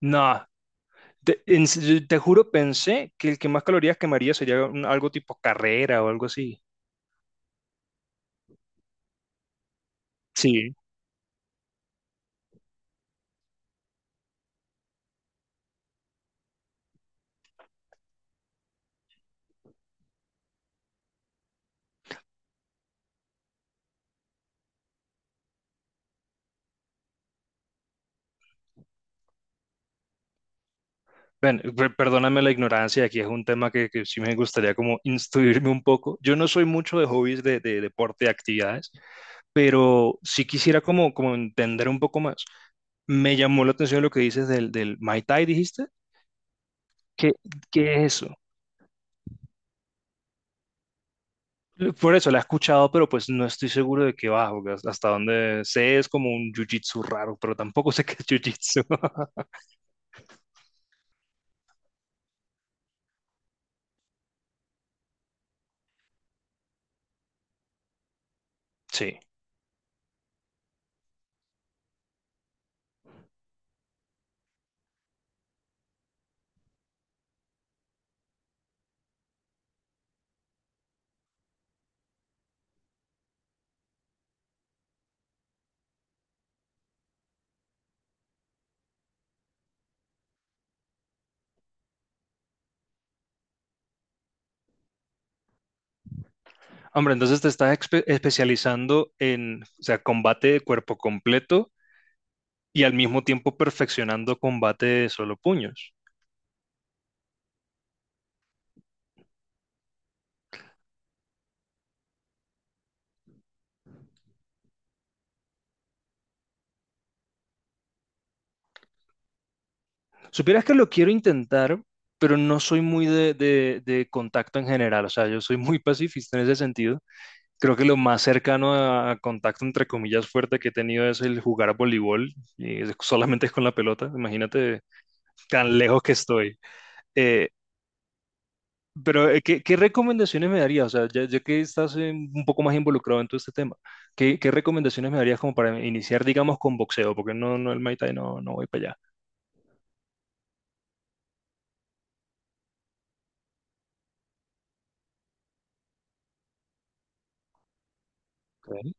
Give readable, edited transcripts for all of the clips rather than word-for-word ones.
No, en serio, te juro, pensé que el que más calorías quemaría sería algo tipo carrera o algo así. Sí. Bueno, perdóname la ignorancia, aquí es un tema que sí me gustaría como instruirme un poco. Yo no soy mucho de hobbies de deporte, de actividades, pero sí quisiera como, como entender un poco más. Me llamó la atención lo que dices del Mai Tai, ¿dijiste? ¿Qué, qué es eso? Por eso la he escuchado, pero pues no estoy seguro de qué va, porque hasta donde sé es como un jiu-jitsu raro, pero tampoco sé qué es jiu-jitsu. Sí. Hombre, entonces te estás especializando en, o sea, combate de cuerpo completo y al mismo tiempo perfeccionando combate de solo puños. Supieras que lo quiero intentar, pero no soy muy de, de contacto en general, o sea, yo soy muy pacifista en ese sentido. Creo que lo más cercano a contacto, entre comillas, fuerte que he tenido es el jugar voleibol, y solamente con la pelota, imagínate tan lejos que estoy. Eh, pero, ¿qué, qué recomendaciones me darías? O sea, ya, ya que estás un poco más involucrado en todo este tema, ¿qué, qué recomendaciones me darías como para iniciar, digamos, con boxeo? Porque no, no, el Muay Thai no, no voy para allá.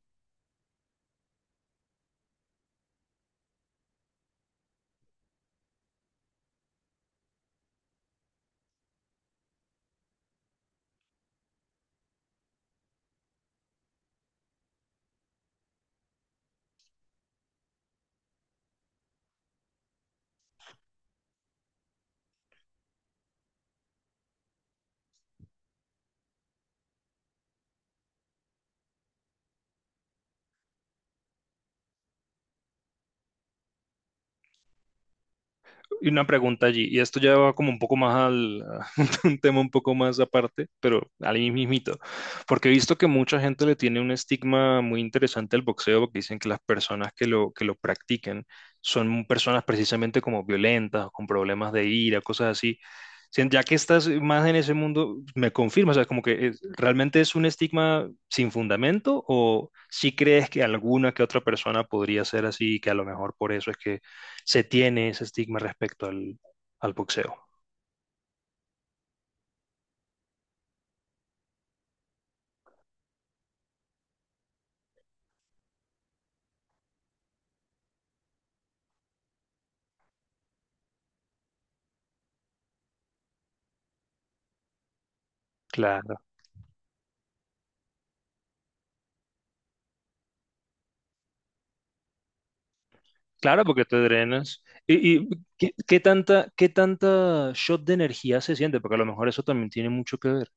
Y una pregunta allí, y esto ya va como un poco más al, a un tema un poco más aparte, pero al mismito, porque he visto que mucha gente le tiene un estigma muy interesante al boxeo, porque dicen que las personas que lo practican son personas precisamente como violentas, con problemas de ira, cosas así. Ya que estás más en ese mundo, me confirma, o sea, como que realmente es un estigma sin fundamento, o si crees que alguna que otra persona podría ser así, que a lo mejor por eso es que se tiene ese estigma respecto al, al boxeo. Claro, claro, porque te drenas. Y qué, qué tanta shot de energía se siente? Porque a lo mejor eso también tiene mucho que ver.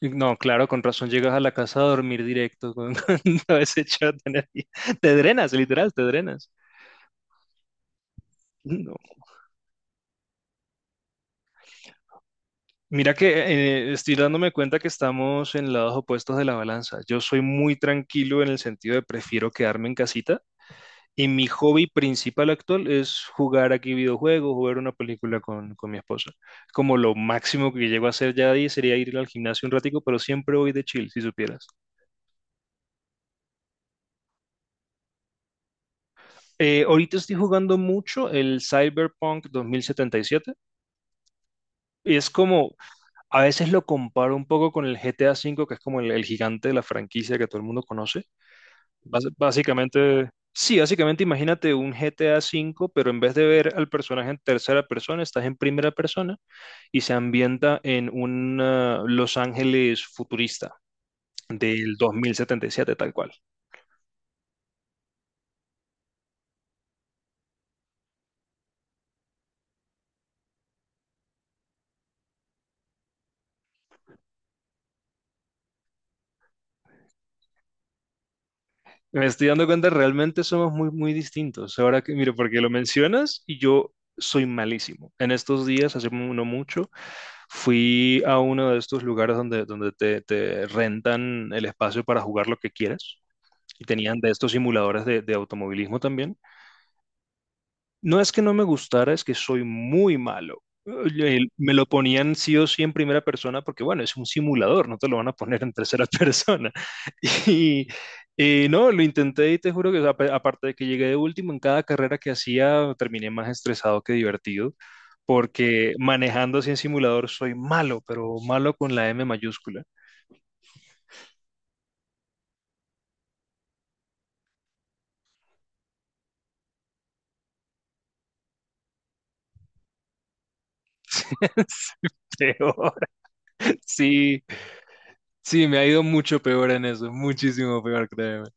No, claro, con razón llegas a la casa a dormir directo con, con todo ese shot de energía. Te drenas, literal, te drenas. No. Mira que estoy dándome cuenta que estamos en lados opuestos de la balanza. Yo soy muy tranquilo en el sentido de prefiero quedarme en casita. Y mi hobby principal actual es jugar aquí videojuegos, jugar una película con mi esposa. Como lo máximo que llego a hacer ya ahí sería ir al gimnasio un ratico, pero siempre voy de chill, si supieras. Ahorita estoy jugando mucho el Cyberpunk 2077. Y siete. Y es como, a veces lo comparo un poco con el GTA V, que es como el gigante de la franquicia que todo el mundo conoce. Básicamente, sí, básicamente imagínate un GTA V, pero en vez de ver al personaje en tercera persona, estás en primera persona y se ambienta en un Los Ángeles futurista del 2077, tal cual. Me estoy dando cuenta, realmente somos muy, muy distintos. Ahora que, mire, porque lo mencionas y yo soy malísimo. En estos días, hace no mucho, fui a uno de estos lugares donde, donde te rentan el espacio para jugar lo que quieras. Y tenían de estos simuladores de automovilismo también. No es que no me gustara, es que soy muy malo. Me lo ponían sí o sí en primera persona porque, bueno, es un simulador, no te lo van a poner en tercera persona. Y no, lo intenté y te juro que, o sea, aparte de que llegué de último en cada carrera que hacía, terminé más estresado que divertido, porque manejando así en simulador soy malo, pero malo con la M mayúscula. Sí, peor. Sí, sí, me ha ido mucho peor en eso, muchísimo peor, créeme.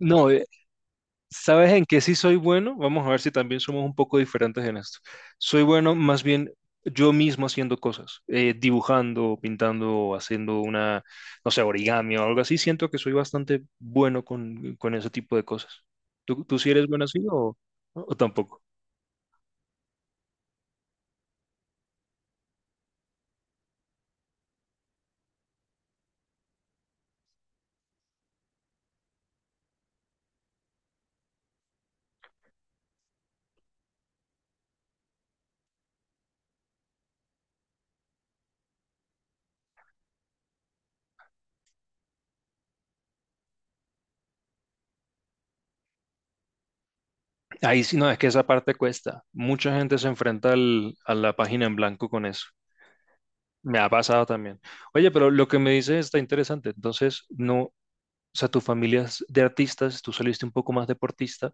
No, ¿sabes en qué sí soy bueno? Vamos a ver si también somos un poco diferentes en esto. Soy bueno más bien yo mismo haciendo cosas, dibujando, pintando, haciendo una, no sé, origami o algo así. Siento que soy bastante bueno con ese tipo de cosas. ¿Tú, tú sí eres bueno así o tampoco? Ahí sí, no, es que esa parte cuesta. Mucha gente se enfrenta a la página en blanco con eso. Me ha pasado también. Oye, pero lo que me dices está interesante. Entonces, no, o sea, tu familia es de artistas, tú saliste un poco más deportista,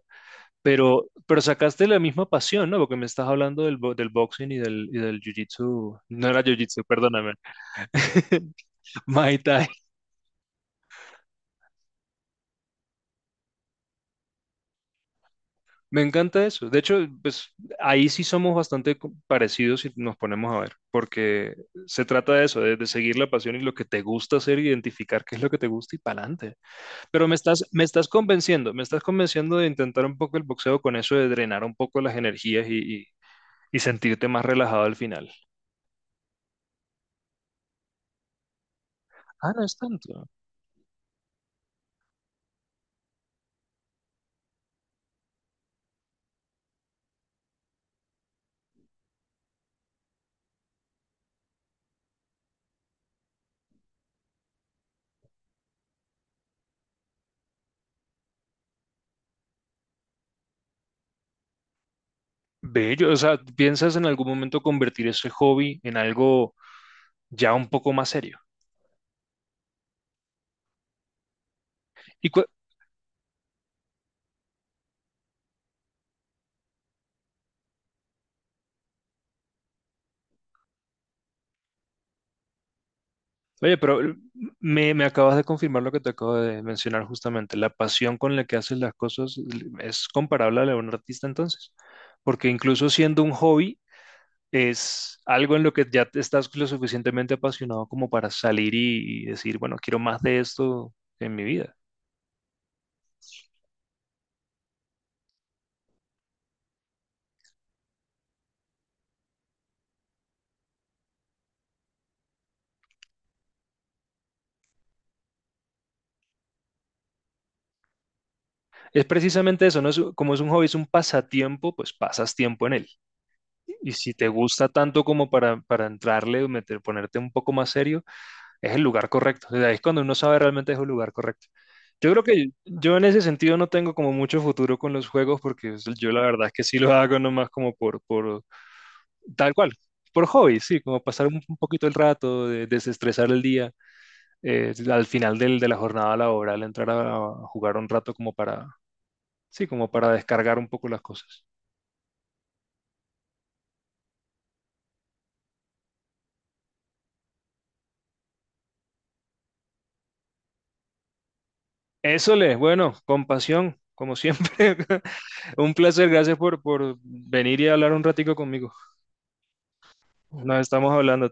pero sacaste la misma pasión, ¿no? Porque me estás hablando del, del boxing y del jiu-jitsu. No era jiu-jitsu, perdóname. Muay Thai. Me encanta eso. De hecho, pues ahí sí somos bastante parecidos si nos ponemos a ver, porque se trata de eso, de seguir la pasión y lo que te gusta hacer, identificar qué es lo que te gusta y para adelante. Pero me estás convenciendo de intentar un poco el boxeo con eso de drenar un poco las energías y sentirte más relajado al final. Ah, no es tanto. Bello, o sea, ¿piensas en algún momento convertir ese hobby en algo ya un poco más serio? Y oye, pero me, me acabas de confirmar lo que te acabo de mencionar justamente. La pasión con la que haces las cosas es comparable a la de un artista entonces, porque incluso siendo un hobby es algo en lo que ya te estás lo suficientemente apasionado como para salir y decir, bueno, quiero más de esto en mi vida. Es precisamente eso, ¿no? Es como es un hobby, es un pasatiempo, pues pasas tiempo en él. Y si te gusta tanto como para entrarle, meter, ponerte un poco más serio, es el lugar correcto. O sea, ahí es cuando uno sabe realmente es el lugar correcto. Yo creo que yo en ese sentido no tengo como mucho futuro con los juegos porque yo la verdad es que sí lo hago nomás como por tal cual, por hobby, sí, como pasar un poquito el rato, desestresar el día, al final del, de la jornada laboral, entrar a jugar un rato como para. Sí, como para descargar un poco las cosas. Eso les, bueno, compasión, como siempre. Un placer, gracias por venir y hablar un ratico conmigo. Nos estamos hablando.